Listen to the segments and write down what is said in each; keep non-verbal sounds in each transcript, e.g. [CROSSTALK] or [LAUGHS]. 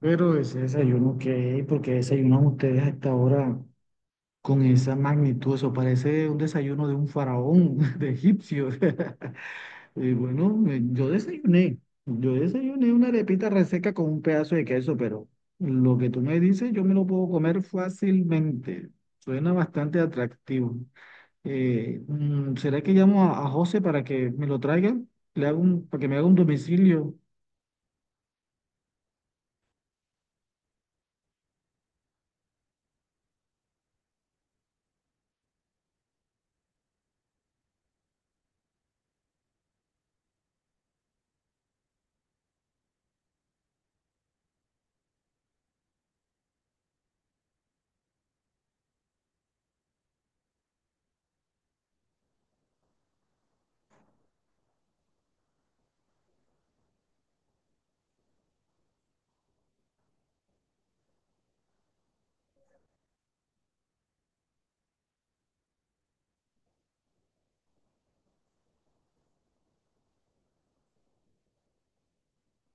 Pero ese desayuno, que, ¿por qué desayunan ustedes a esta hora con esa magnitud? Eso parece un desayuno de un faraón, [LAUGHS] de egipcio. [LAUGHS] Y bueno, yo desayuné una arepita reseca con un pedazo de queso, pero lo que tú me dices yo me lo puedo comer fácilmente. Suena bastante atractivo. ¿Será que llamo a José para que me lo traiga? Para que me haga un domicilio.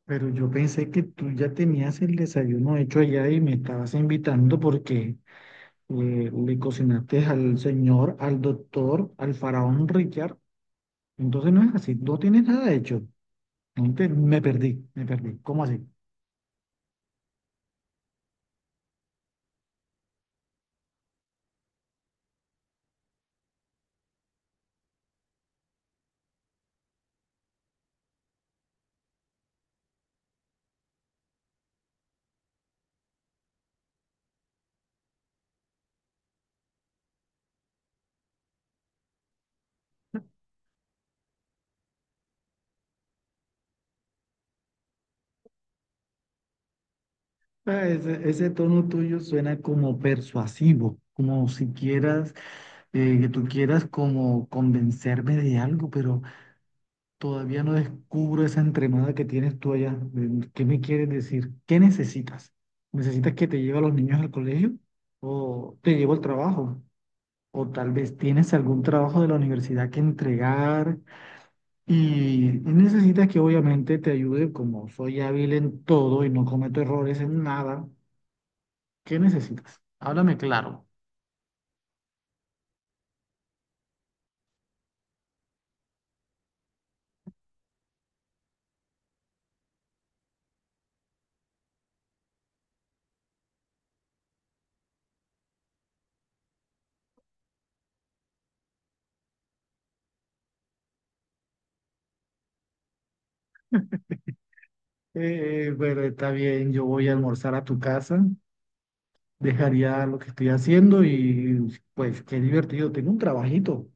Pero yo pensé que tú ya tenías el desayuno hecho allá y me estabas invitando porque le cocinaste al señor, al doctor, al faraón Richard. Entonces no es así, no tienes nada hecho. No te- Me perdí, me perdí. ¿Cómo así? Ah, ese tono tuyo suena como persuasivo, como si quieras, que tú quieras como convencerme de algo, pero todavía no descubro esa entremada que tienes tú allá. ¿Qué me quieres decir? ¿Qué necesitas? ¿Necesitas que te lleve a los niños al colegio? ¿O te llevo al trabajo? ¿O tal vez tienes algún trabajo de la universidad que entregar? Y necesitas que obviamente te ayude, como soy hábil en todo y no cometo errores en nada. ¿Qué necesitas? Háblame claro. Bueno, está bien, yo voy a almorzar a tu casa. Dejaría lo que estoy haciendo y pues qué divertido, tengo un trabajito.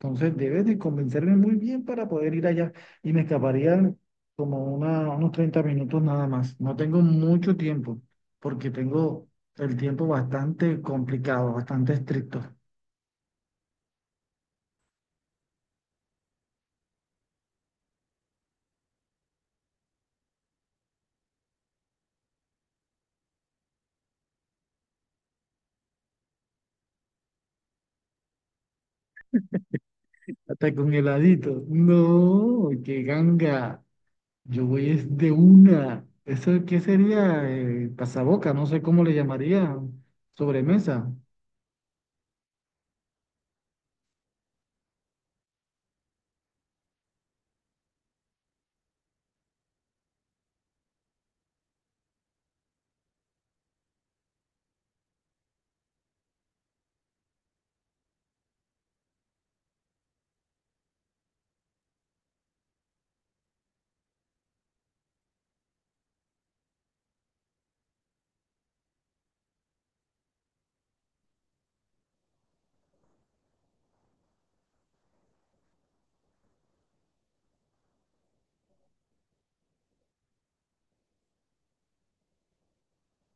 Entonces debes de convencerme muy bien para poder ir allá y me escaparían como unos 30 minutos nada más. No tengo mucho tiempo porque tengo el tiempo bastante complicado, bastante estricto. Hasta con heladito. No, qué ganga. Yo voy es de una. ¿Eso qué sería? Pasaboca, no sé cómo le llamaría. Sobremesa.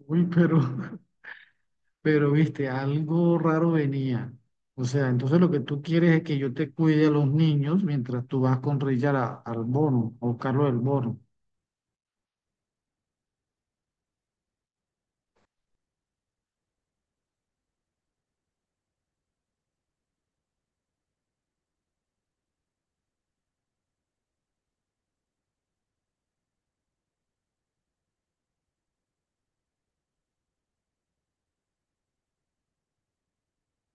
Uy, pero [LAUGHS] pero viste, algo raro venía. O sea, entonces lo que tú quieres es que yo te cuide a los niños mientras tú vas con Richard al bono, a buscarlo del bono.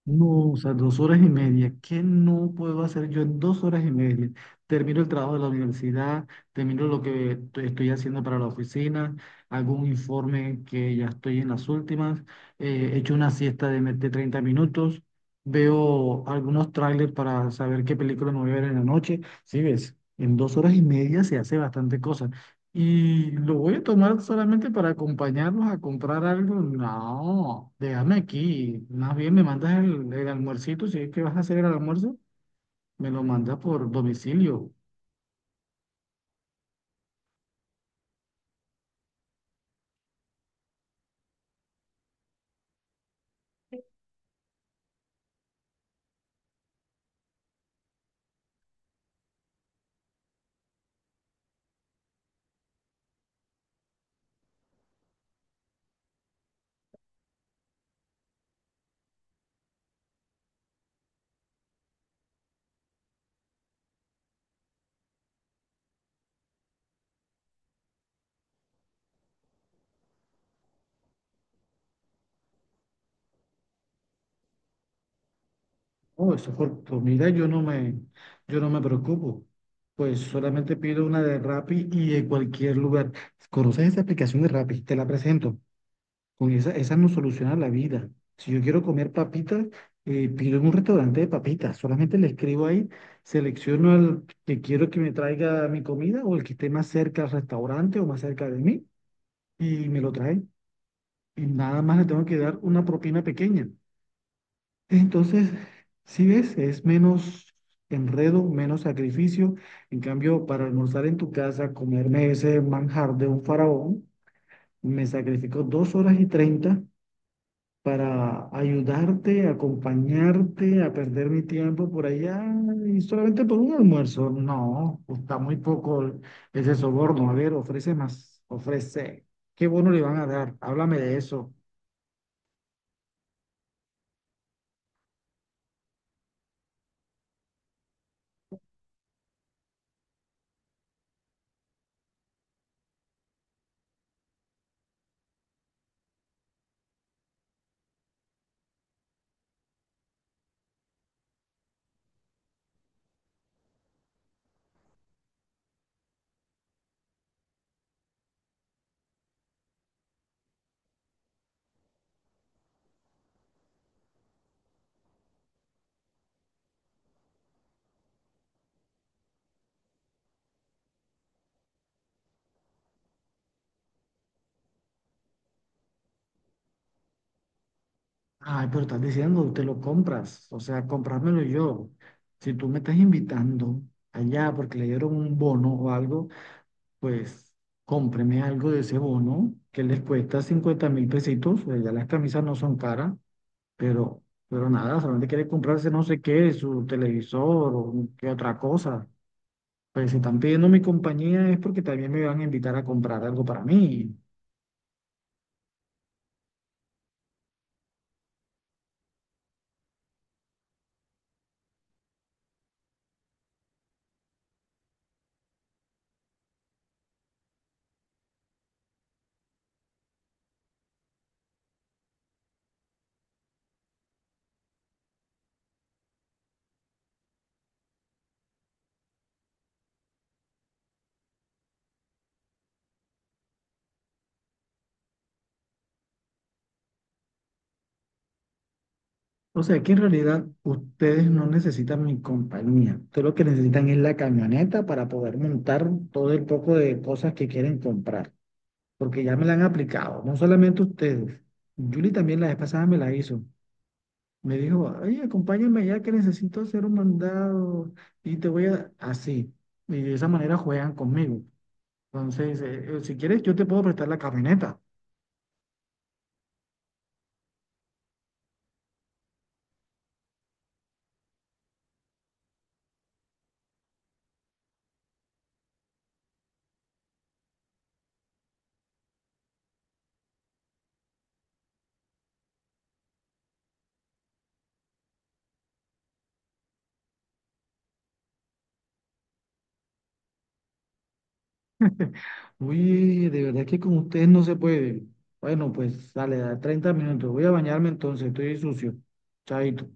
No, o sea, dos horas y media. ¿Qué no puedo hacer yo en dos horas y media? Termino el trabajo de la universidad, termino lo que estoy haciendo para la oficina, hago un informe que ya estoy en las últimas, echo una siesta de, de 30 minutos, veo algunos trailers para saber qué película me voy a ver en la noche. Sí, ves, en dos horas y media se hace bastante cosa. Y lo voy a tomar solamente para acompañarlos a comprar algo. No, déjame aquí. Más bien me mandas el almuercito. Si es que vas a hacer el almuerzo, me lo mandas por domicilio. Oh, eso por comida yo no me preocupo. Pues solamente pido una de Rappi y de cualquier lugar. ¿Conoces esa aplicación de Rappi? Te la presento. Con esa nos soluciona la vida. Si yo quiero comer papitas, pido en un restaurante de papitas. Solamente le escribo ahí, selecciono al que quiero que me traiga mi comida o el que esté más cerca al restaurante o más cerca de mí y me lo trae. Y nada más le tengo que dar una propina pequeña. Entonces, si ves, es menos enredo, menos sacrificio. En cambio, para almorzar en tu casa, comerme ese manjar de un faraón, me sacrifico dos horas y treinta para ayudarte, acompañarte, a perder mi tiempo por allá y solamente por un almuerzo. No, está muy poco ese soborno. A ver, ofrece más, ofrece. ¿Qué bono le van a dar? Háblame de eso. Ay, pero estás diciendo, te lo compras, o sea, comprármelo yo. Si tú me estás invitando allá porque le dieron un bono o algo, pues cómpreme algo de ese bono que les cuesta 50 mil pesitos, pues ya las camisas no son caras. pero, pero nada, solamente quiere comprarse no sé qué, su televisor o qué otra cosa. Pues si están pidiendo mi compañía es porque también me van a invitar a comprar algo para mí. O sea que en realidad ustedes no necesitan mi compañía. Ustedes lo que necesitan es la camioneta para poder montar todo el poco de cosas que quieren comprar. Porque ya me la han aplicado. No solamente ustedes. Julie también la vez pasada me la hizo. Me dijo, oye, acompáñame ya que necesito hacer un mandado y te voy a... Así. Y de esa manera juegan conmigo. Entonces, si quieres, yo te puedo prestar la camioneta. Uy, de verdad que con ustedes no se puede. Bueno, pues sale, da 30 minutos. Voy a bañarme entonces, estoy sucio. Chaito.